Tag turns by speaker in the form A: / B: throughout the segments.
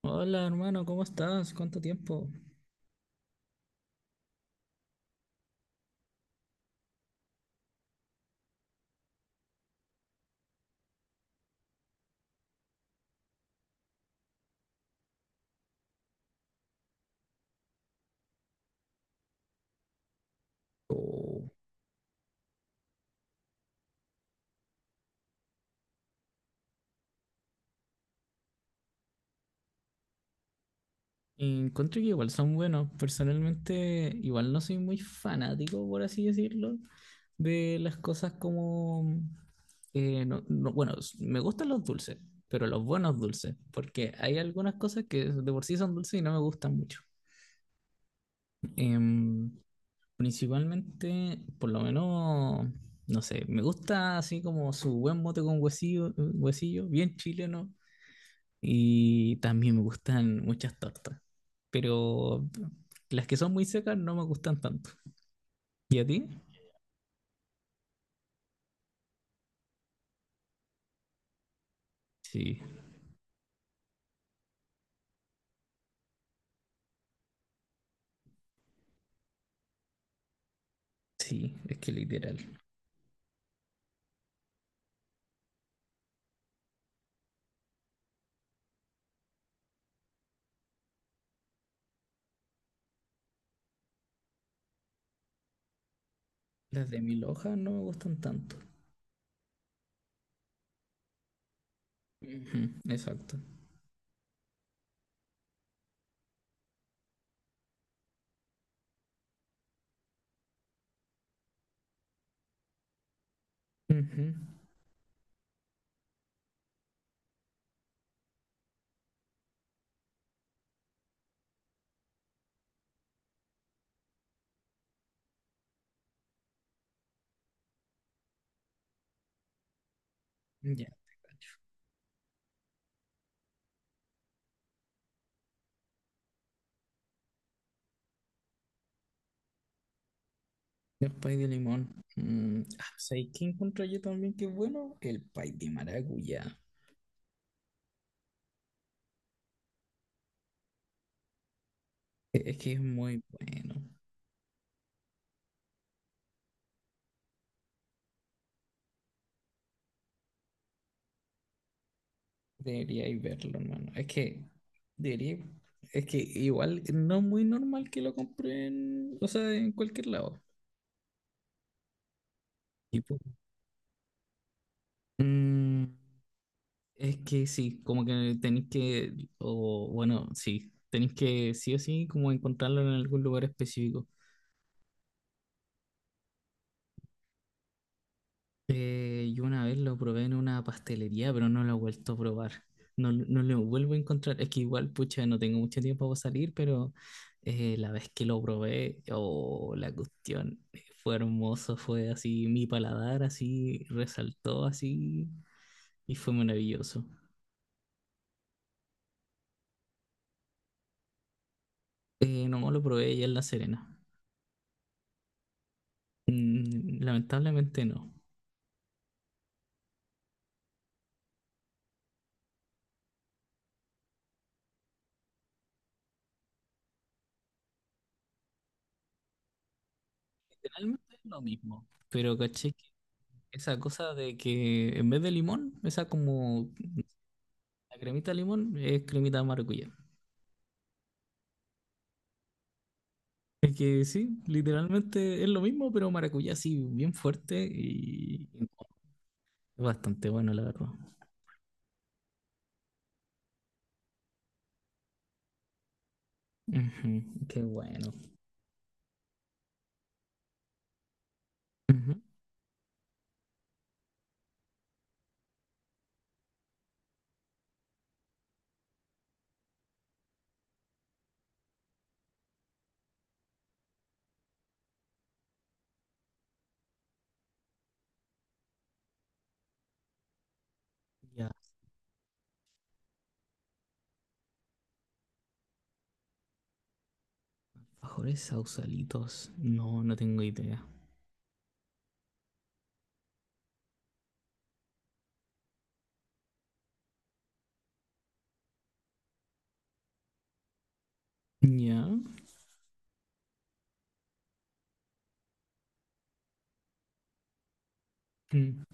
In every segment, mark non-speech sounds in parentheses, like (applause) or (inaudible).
A: Hola hermano, ¿cómo estás? ¿Cuánto tiempo? Oh. Encuentro que igual son buenos. Personalmente, igual no soy muy fanático, por así decirlo, de las cosas como... bueno, me gustan los dulces, pero los buenos dulces, porque hay algunas cosas que de por sí son dulces y no me gustan mucho. Em, Principalmente, por lo menos, no sé, me gusta así como su buen mote con huesillo, huesillo, bien chileno. Y también me gustan muchas tortas, pero las que son muy secas no me gustan tanto. ¿Y a ti? Sí, sí, es que literal. Las de mil hojas no me gustan tanto. Ujú, exacto. Ujú. Ya. El pay de limón. Mm, ah, ¿sabes qué encuentro yo también que es bueno? El pay de maracuyá. Es que es muy bueno. Deberíais verlo, hermano. Es que debería, es que igual no es muy normal que lo compren, o sea, en cualquier lado. Y pu- Mm, es que sí, como que tenéis que, o bueno, sí, tenéis que sí o sí como encontrarlo en algún lugar específico. Yo una vez lo probé en una pastelería, pero no lo he vuelto a probar. No, no lo vuelvo a encontrar. Es que igual, pucha, no tengo mucho tiempo para salir, pero la vez que lo probé, oh, la cuestión fue hermoso, fue así, mi paladar así resaltó así y fue maravilloso. No lo probé ya en La Serena. Mm, lamentablemente no. Literalmente es lo mismo, pero caché que esa cosa de que en vez de limón, esa como La cremita de limón es cremita de maracuyá. Es que sí, literalmente es lo mismo, pero maracuyá sí, bien fuerte y no, es bastante bueno, la verdad. Ujú, qué bueno. Ujú. Ya, mejores sausalitos. No, no tengo idea. Ya, mm,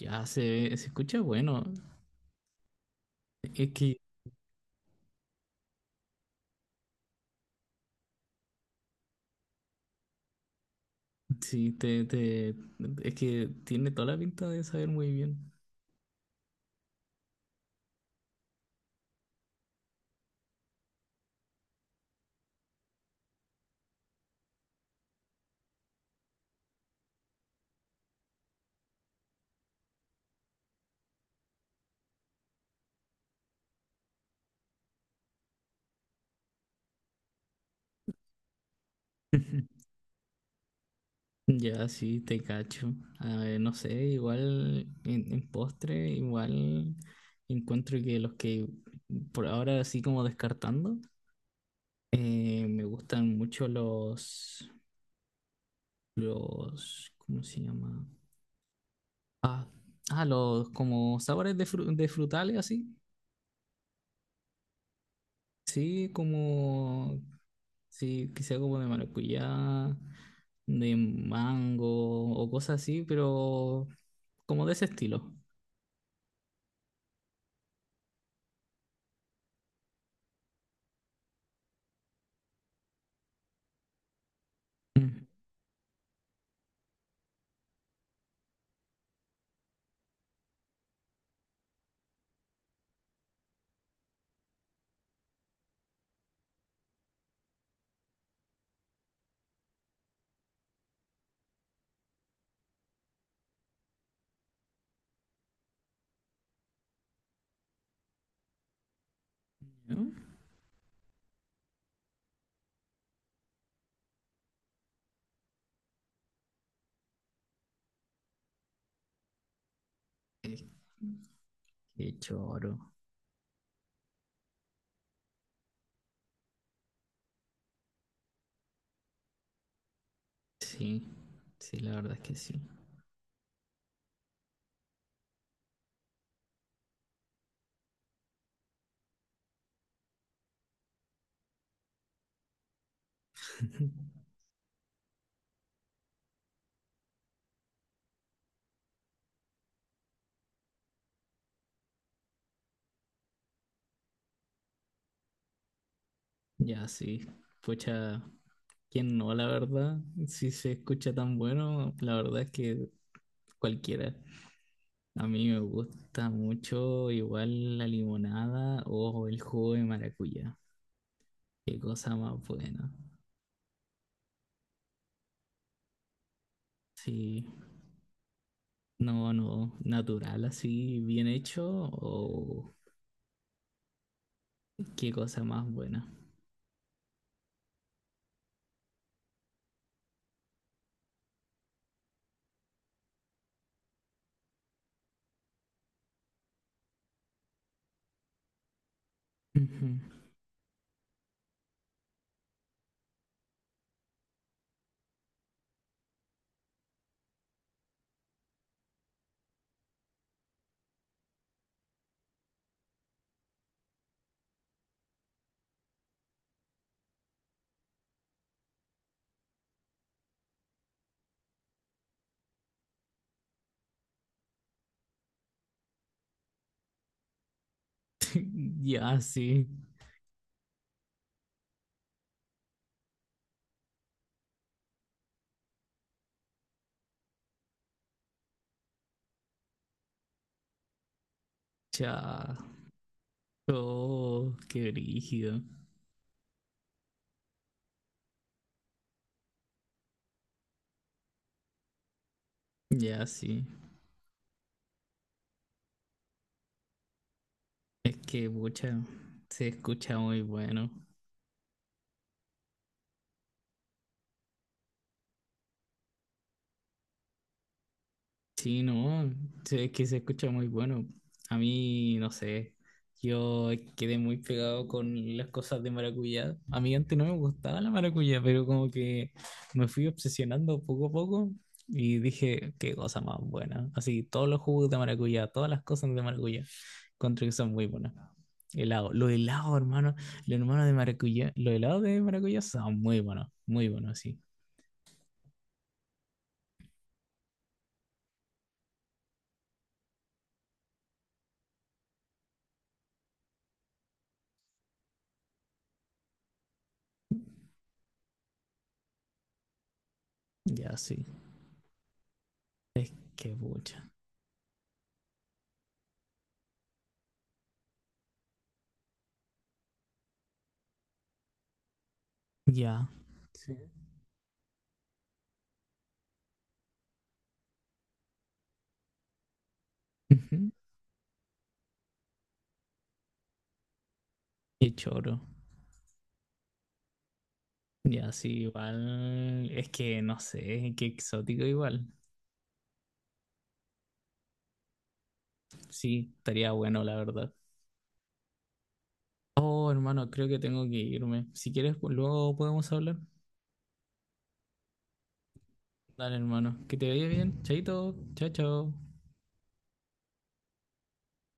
A: ya se escucha bueno. Es que sí, te, es que tiene toda la pinta de saber muy bien. (laughs) Ya, sí, te cacho. A ver, no sé, igual en postre, igual encuentro que los que por ahora así como descartando, me gustan mucho los, ¿cómo se llama? Ah, ah, los como sabores de, de frutales así. Sí, como, sí, quizá como de maracuyá, de mango o cosas así, pero como de ese estilo. Ujú. Es. Qué choro. Sí, sí, la verdad es que sí. (laughs) Ya, sí. Pucha, ¿quién no, la verdad? Si se escucha tan bueno, la verdad es que cualquiera. A mí me gusta mucho igual la limonada o el jugo de maracuyá. Qué cosa más buena. Sí, no, no, natural así, bien hecho o qué cosa más buena. Ujú. (laughs) Ya, sí, ya. Oh, qué brígido. Ya sí. Es que, pucha, se escucha muy bueno. Sí, no, sí, es que se escucha muy bueno. A mí, no sé, yo quedé muy pegado con las cosas de maracuyá. A mí antes no me gustaba la maracuyá, pero como que me fui obsesionando poco a poco y dije, qué cosa más buena. Así, todos los jugos de maracuyá, todas las cosas de maracuyá, encuentro que son muy buenas. Helado, los helados, hermano, los hermanos de maracuyá, los helados de maracuyá son muy buenos, sí. Ya, sí, qué bucha. Ya. Sí. Ujú. Qué choro. Ya, sí, igual. Es que no sé, qué exótico igual. Sí, estaría bueno, la verdad. Oh, hermano, creo que tengo que irme. Si quieres, pues, luego podemos hablar. Dale, hermano. Que te vaya bien. Chaito. Chao, chao.